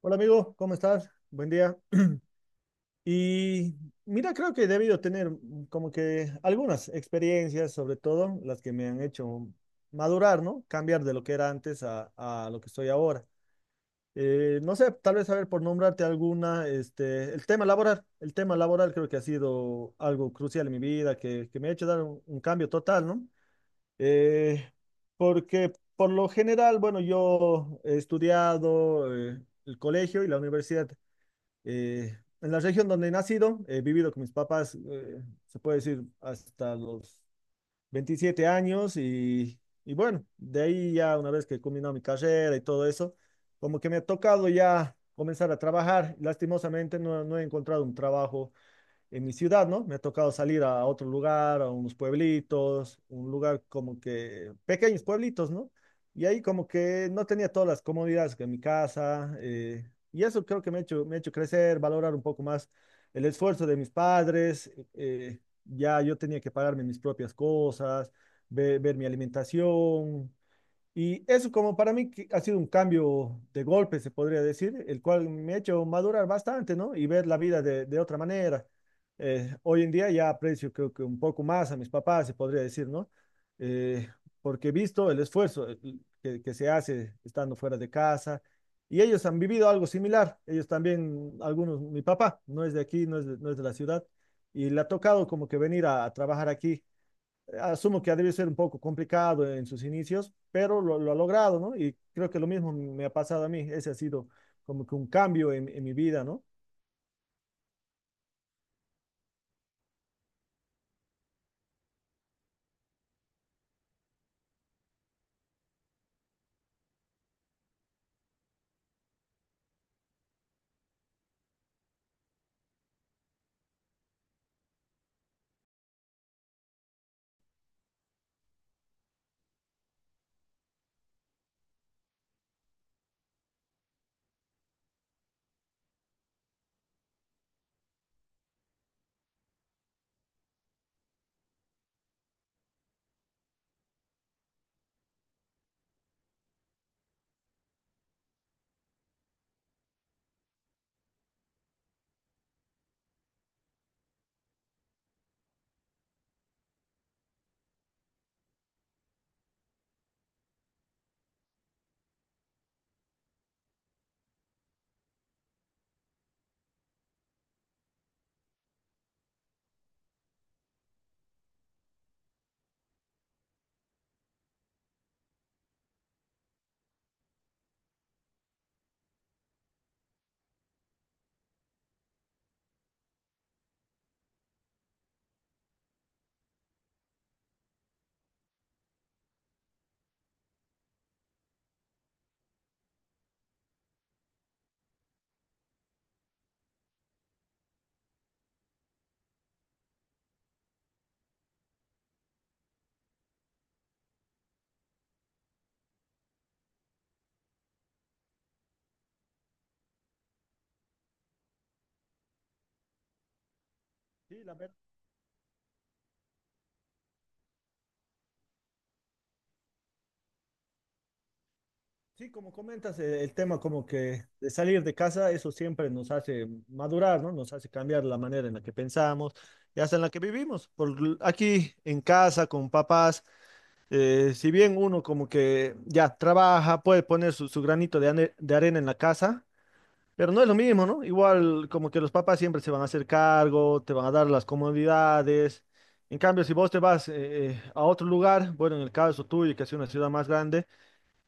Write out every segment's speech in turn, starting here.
Hola amigo, ¿cómo estás? Buen día. Y mira, creo que he debido tener como que algunas experiencias, sobre todo las que me han hecho madurar, ¿no? Cambiar de lo que era antes a lo que estoy ahora. No sé, tal vez, a ver, por nombrarte alguna, este, el tema laboral. El tema laboral creo que ha sido algo crucial en mi vida, que me ha hecho dar un cambio total, ¿no? Eh, Porque por lo general, bueno, yo he estudiado el colegio y la universidad en la región donde he nacido, he vivido con mis papás, se puede decir, hasta los 27 años y bueno, de ahí ya una vez que he culminado mi carrera y todo eso, como que me ha tocado ya comenzar a trabajar. Lastimosamente no he encontrado un trabajo en mi ciudad, ¿no? Me ha tocado salir a otro lugar, a unos pueblitos, un lugar como que pequeños pueblitos, ¿no? Y ahí como que no tenía todas las comodidades que en mi casa, y eso creo que me ha hecho crecer, valorar un poco más el esfuerzo de mis padres, ya yo tenía que pagarme mis propias cosas, ver mi alimentación, y eso como para mí que ha sido un cambio de golpe, se podría decir, el cual me ha hecho madurar bastante, ¿no? Y ver la vida de otra manera. Hoy en día ya aprecio creo que un poco más a mis papás, se podría decir, ¿no? Eh, Porque he visto el esfuerzo que se hace estando fuera de casa y ellos han vivido algo similar. Ellos también, algunos, mi papá no es de aquí, no es de, no es de la ciudad y le ha tocado como que venir a trabajar aquí, asumo que ha debido ser un poco complicado en sus inicios, pero ha logrado, ¿no? Y creo que lo mismo me ha pasado a mí, ese ha sido como que un cambio en mi vida, ¿no? Sí, la verdad. Sí, como comentas, el tema como que de salir de casa, eso siempre nos hace madurar, ¿no? Nos hace cambiar la manera en la que pensamos y hasta en la que vivimos. Aquí en casa, con papás, si bien uno como que ya trabaja, puede poner su granito de, de arena en la casa. Pero no es lo mismo, ¿no? Igual como que los papás siempre se van a hacer cargo, te van a dar las comodidades. En cambio, si vos te vas a otro lugar, bueno, en el caso tuyo, que es una ciudad más grande,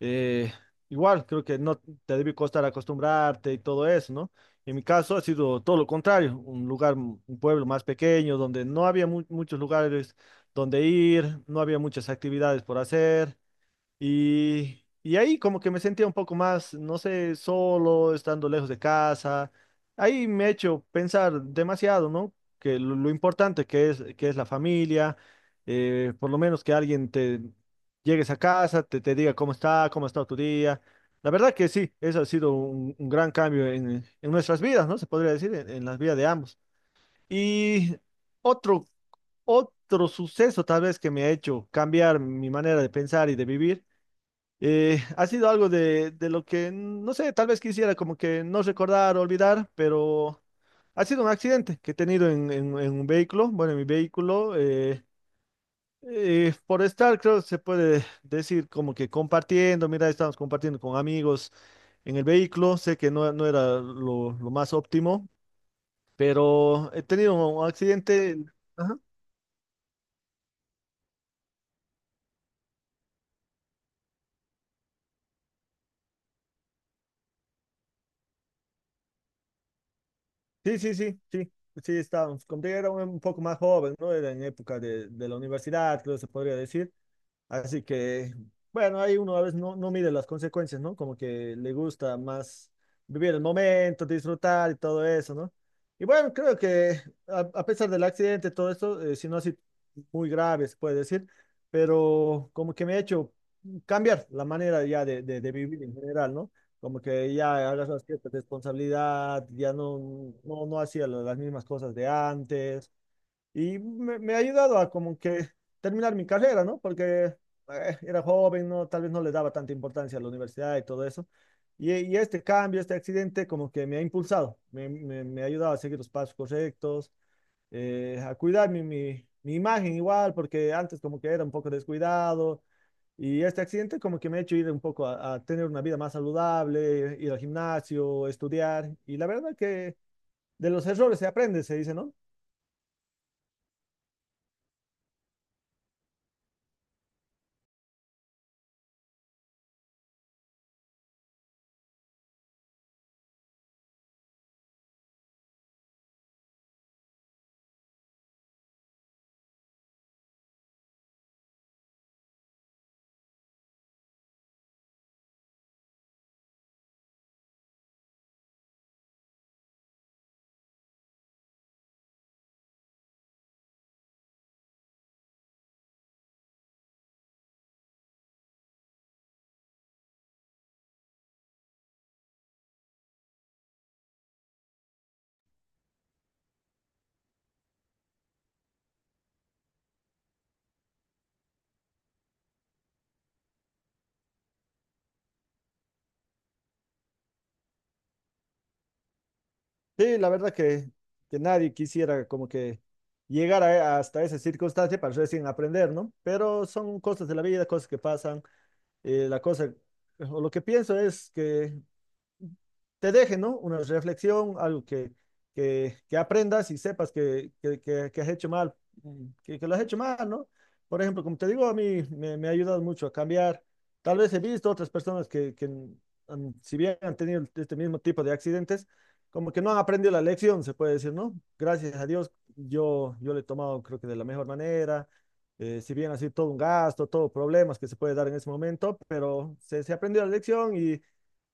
eh, igual creo que no te debe costar acostumbrarte y todo eso, ¿no? En mi caso ha sido todo lo contrario, un lugar, un pueblo más pequeño, donde no había muchos lugares donde ir, no había muchas actividades por hacer. Y ahí como que me sentía un poco más, no sé, solo, estando lejos de casa. Ahí me ha hecho pensar demasiado, ¿no? Que lo importante que es la familia, por lo menos que alguien te llegues a casa, te diga cómo está, cómo ha estado tu día. La verdad que sí, eso ha sido un gran cambio en nuestras vidas, ¿no? Se podría decir, en las vidas de ambos. Y otro, otro suceso tal vez que me ha hecho cambiar mi manera de pensar y de vivir ha sido algo de lo que, no sé, tal vez quisiera como que no recordar, olvidar, pero ha sido un accidente que he tenido en un vehículo, bueno, en mi vehículo, por estar, creo, que se puede decir como que compartiendo, mira, estamos compartiendo con amigos en el vehículo, sé que no, no era lo más óptimo, pero he tenido un accidente. Ajá. Sí, sí, sí, sí. Sí, estábamos, como que era un poco más joven, ¿no? Era en época de la universidad, creo que se podría decir. Así que, bueno, ahí uno a veces no, no mide las consecuencias, ¿no? Como que le gusta más vivir el momento, disfrutar y todo eso, ¿no? Y bueno, creo que a pesar del accidente, todo esto, si no así muy grave, se puede decir, pero como que me ha hecho cambiar la manera ya de vivir en general, ¿no? Como que ya agarras cierta responsabilidad, ya no, no, no hacía las mismas cosas de antes y me ha ayudado a como que terminar mi carrera, ¿no? Porque era joven, ¿no? Tal vez no le daba tanta importancia a la universidad y todo eso. Y este cambio, este accidente, como que me ha impulsado, me ha ayudado a seguir los pasos correctos, a cuidar mi imagen igual, porque antes como que era un poco descuidado. Y este accidente como que me ha hecho ir un poco a tener una vida más saludable, ir al gimnasio, estudiar. Y la verdad que de los errores se aprende, se dice, ¿no? Sí, la verdad que nadie quisiera como que hasta esa circunstancia para recién aprender, ¿no? Pero son cosas de la vida, cosas que pasan. Eh, la cosa, o lo que pienso es que te deje, ¿no? Una reflexión, algo que, aprendas y sepas que has hecho mal, mm, que lo has hecho mal, ¿no? Por ejemplo, como te digo, a mí me ha ayudado mucho a cambiar. Tal vez he visto otras personas que si bien han tenido este mismo tipo de accidentes, como que no han aprendido la lección, se puede decir, ¿no? Gracias a Dios, yo lo he tomado, creo que de la mejor manera. Eh, si bien así todo un gasto, todo problemas que se puede dar en ese momento, pero se aprendió la lección y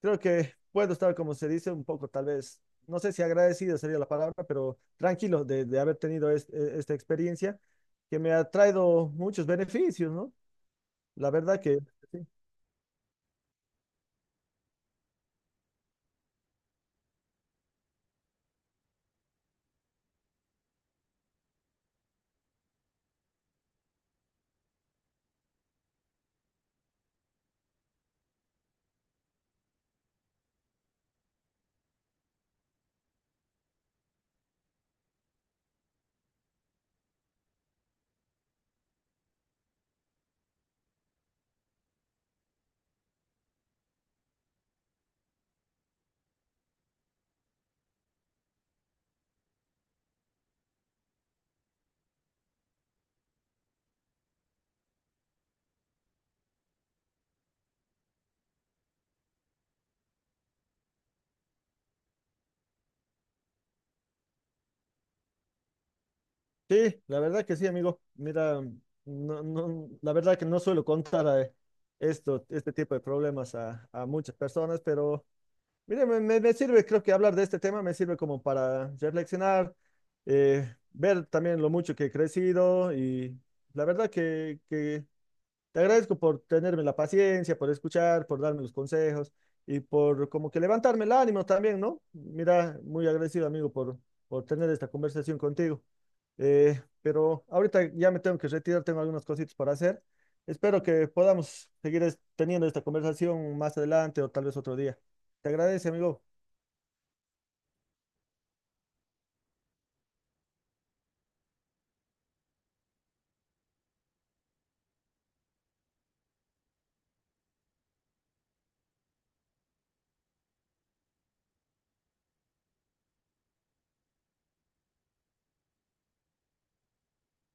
creo que puedo estar, como se dice, un poco tal vez, no sé si agradecido sería la palabra, pero tranquilo de haber tenido esta experiencia que me ha traído muchos beneficios, ¿no? La verdad que sí, sí, la verdad que sí, amigo. Mira, no, no, la verdad que no suelo contar esto, este tipo de problemas a muchas personas, pero mire, me sirve, creo que hablar de este tema me sirve como para reflexionar, ver también lo mucho que he crecido y la verdad que te agradezco por tenerme la paciencia, por escuchar, por darme los consejos y por como que levantarme el ánimo también, ¿no? Mira, muy agradecido, amigo, por tener esta conversación contigo. Pero ahorita ya me tengo que retirar, tengo algunas cositas para hacer. Espero que podamos seguir teniendo esta conversación más adelante o tal vez otro día. Te agradece, amigo.